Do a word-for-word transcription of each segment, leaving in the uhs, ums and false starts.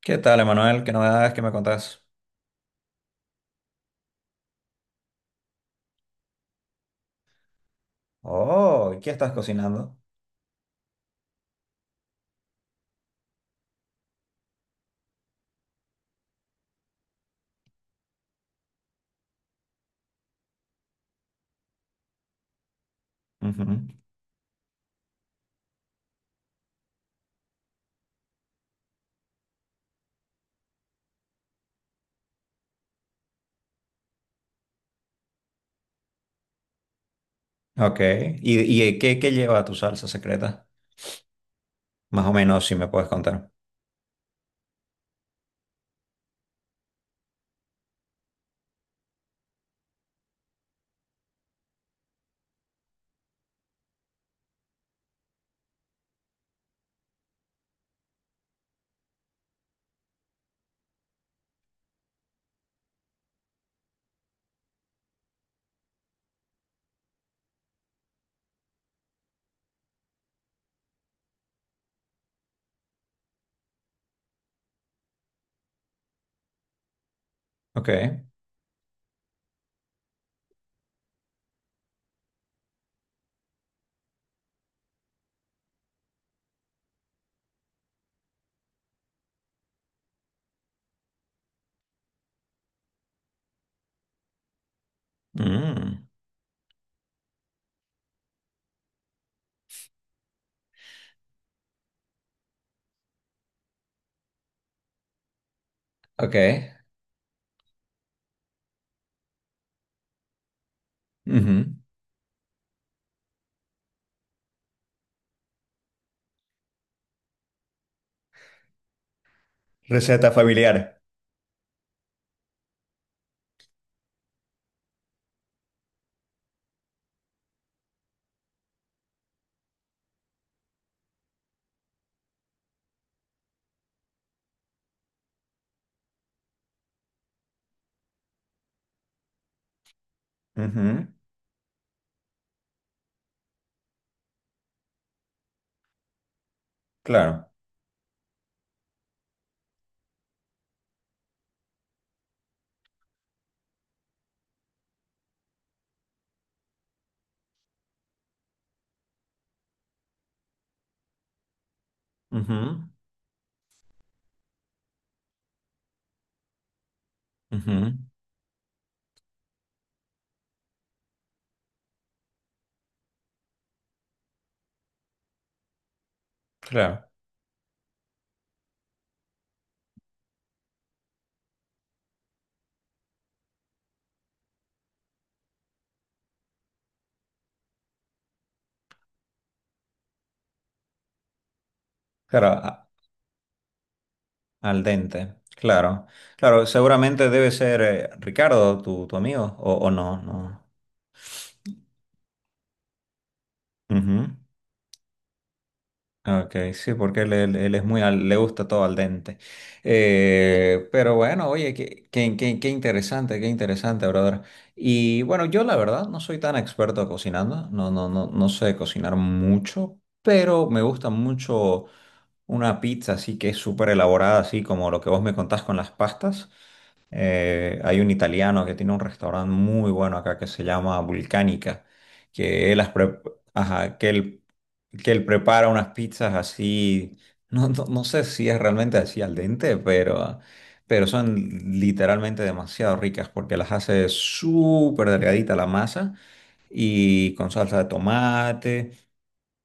¿Qué tal, Emanuel? ¿Qué novedades que me contás? Oh, ¿y ¿qué estás cocinando? Ujú. Ok. ¿Y, y qué, qué lleva tu salsa secreta? Más o menos, si me puedes contar. Ok. Mm. Ok. Ujú. Receta familiar. Ujú. Claro. Ujú. Ujú. Claro. Claro, a- al dente. Claro. Claro, seguramente debe ser eh, Ricardo, tu, tu amigo, o, o no, no. Ujú. Ok, sí, porque él, él- él es muy, al- le gusta todo al dente. Eh, pero bueno, oye, qué, qué, qué, qué interesante, qué interesante, brother. Y bueno, yo la verdad no soy tan experto cocinando, no, no, no, no sé cocinar mucho, pero me gusta mucho una pizza así que es súper elaborada, así como lo que vos me contás con las pastas. Eh, hay un italiano que tiene un restaurante muy bueno acá que se llama Vulcánica, que él, las pre- ajá, que él, que él prepara unas pizzas así, no, no, no sé si es realmente así al dente, pero, pero son literalmente demasiado ricas porque las hace súper delgadita la masa y con salsa de tomate,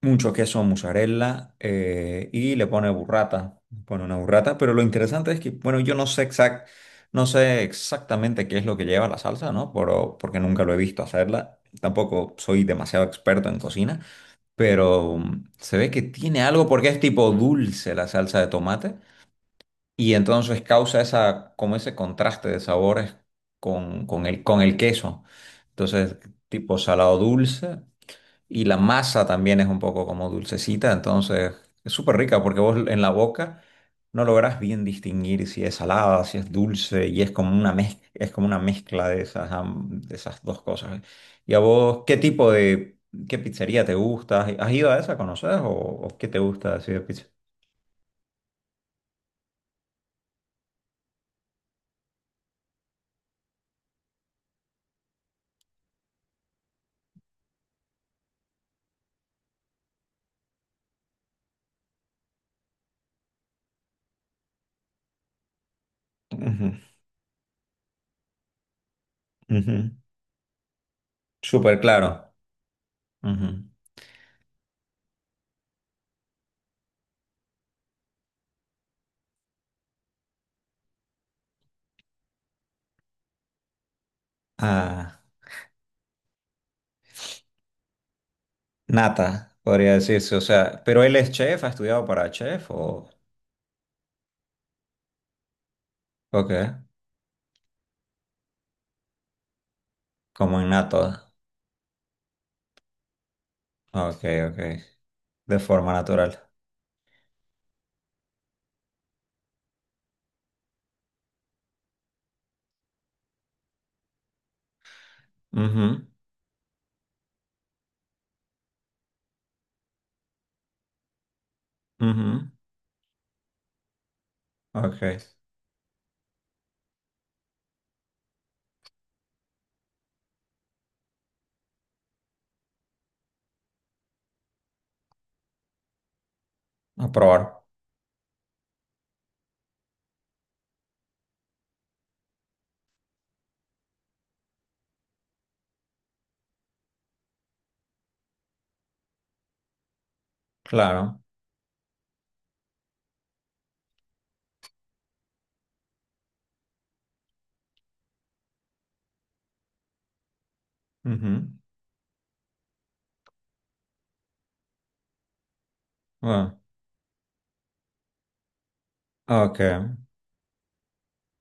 mucho queso mozzarella, eh, y le pone burrata, le pone una burrata, pero lo interesante es que, bueno, yo no sé exact, no sé exactamente qué es lo que lleva la salsa, ¿no? Pero, porque nunca lo he visto hacerla, tampoco soy demasiado experto en cocina, pero mm, se ve que tiene algo porque es tipo dulce la salsa de tomate, y entonces causa esa, como ese contraste de sabores con, con el, con el queso. Entonces, tipo salado dulce. Y la masa también es un poco como dulcecita, entonces es súper rica porque vos en la boca no lográs bien distinguir si es salada, si es dulce, y es como una mez- es como una mezcla de esas, am- de esas dos cosas. ¿Y a vos qué tipo de, ¿Qué pizzería te gusta? ¿Has ido a esa, conoces o, o qué te gusta así de pizza? Ujú, ujú. Súper claro. Ujú. Ah, nata, podría decirse, o sea, pero él es chef, ¿ha estudiado para chef o...? Ok, como innato. Ok, ok. De forma natural. Ujú, ujú. Ok. A probar. Claro. Ujú. Bueno. Ok.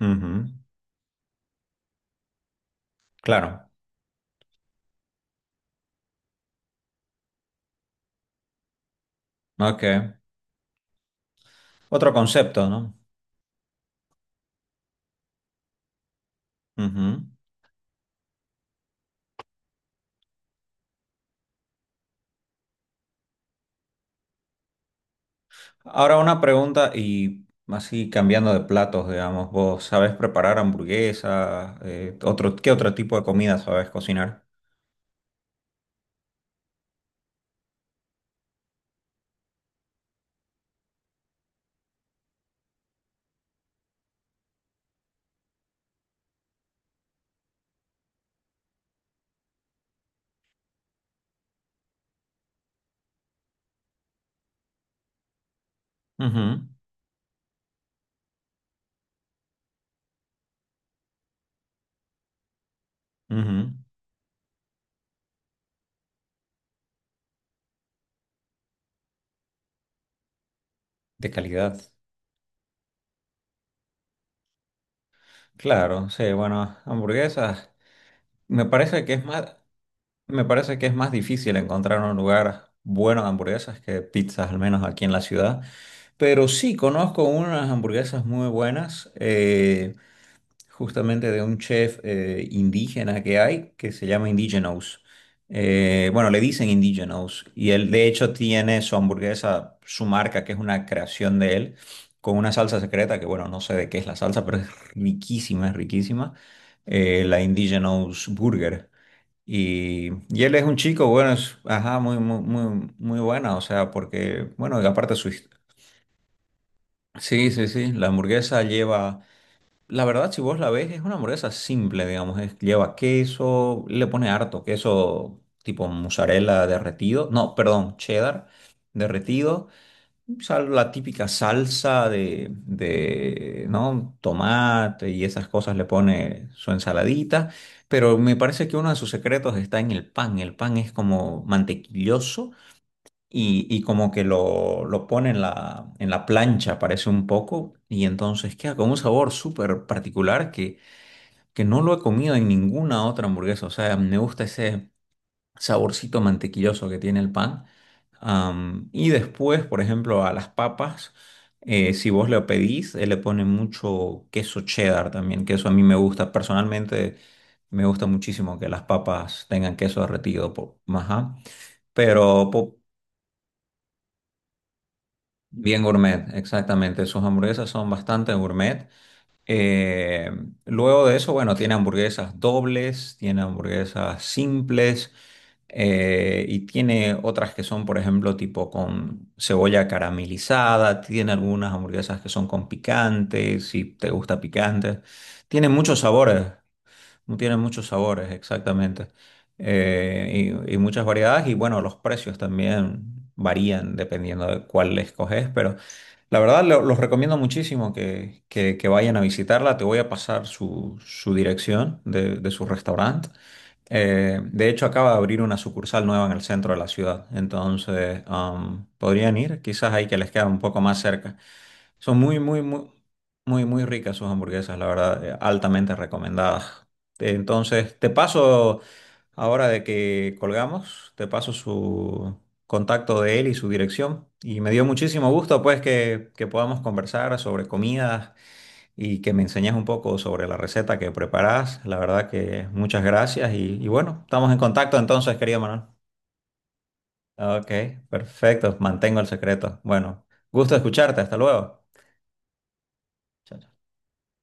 Ujú. Claro. Ok. Otro concepto, ¿no? Ujú. Ahora una pregunta y así cambiando de platos, digamos, ¿vos sabés preparar hamburguesas? Eh, otro, ¿qué otro tipo de comida sabés cocinar? Ujú, ujú. De calidad. Claro, sí, bueno, hamburguesas. Me parece que es más. Me parece que es más difícil encontrar un lugar bueno de hamburguesas que pizzas, al menos aquí en la ciudad. Pero sí conozco unas hamburguesas muy buenas, eh, justamente de un chef eh, indígena que hay, que se llama Indigenous. Eh, bueno, le dicen Indigenous. Y él, de hecho, tiene su hamburguesa, su marca, que es una creación de él, con una salsa secreta, que bueno, no sé de qué es la salsa, pero es riquísima, es riquísima. Eh, la Indigenous Burger. Y, y él es un chico, bueno, es, ajá, muy, muy, muy, muy buena, o sea, porque, bueno, y aparte su... hist- Sí, sí, sí, la hamburguesa lleva, la verdad, si vos la ves, es una hamburguesa simple, digamos, es- lleva queso, le pone harto queso tipo mozzarella derretido, no, perdón, cheddar derretido, sal- la típica salsa de, de, ¿no? tomate y esas cosas, le pone su ensaladita, pero me parece que uno de sus secretos está en el pan. El pan es como mantequilloso y, y como que lo, lo pone en la, en la plancha, parece un poco, y entonces queda con un sabor súper particular que, que no lo he comido en ninguna otra hamburguesa. O sea, me gusta ese saborcito mantequilloso que tiene el pan. Am, y después, por ejemplo, a las papas, eh, si vos le pedís, él le pone mucho queso cheddar también, que eso a mí me gusta. Personalmente, me gusta muchísimo que las papas tengan queso derretido. Po- ajá. Pero po- bien gourmet, exactamente. Sus hamburguesas son bastante gourmet. Eh, Luego de eso, bueno, tiene hamburguesas dobles, tiene hamburguesas simples, eh, y tiene otras que son, por ejemplo, tipo con cebolla caramelizada, tiene algunas hamburguesas que son con picante, si te gusta picante. Tiene muchos sabores. No tiene muchos sabores, exactamente. Eh, y, y muchas variedades y bueno, los precios también varían dependiendo de cuál le escoges, pero la verdad lo- los recomiendo muchísimo que, que- que vayan a visitarla. Te voy a pasar su, su dirección de, de su restaurante. Eh, de hecho, acaba de abrir una sucursal nueva en el centro de la ciudad, entonces am, podrían ir, quizás ahí que les queda un poco más cerca. Son muy, muy, muy, muy, muy ricas sus hamburguesas, la verdad, eh, altamente recomendadas. Entonces, te paso, ahora de que colgamos, te paso su contacto de él y su dirección. Y me dio muchísimo gusto, pues, que, que podamos conversar sobre comidas y que me enseñes un poco sobre la receta que preparás. La verdad que muchas gracias y, y bueno, estamos en contacto entonces, querido Manuel. Ok, perfecto, mantengo el secreto. Bueno, gusto escucharte, hasta luego. Chao, chao.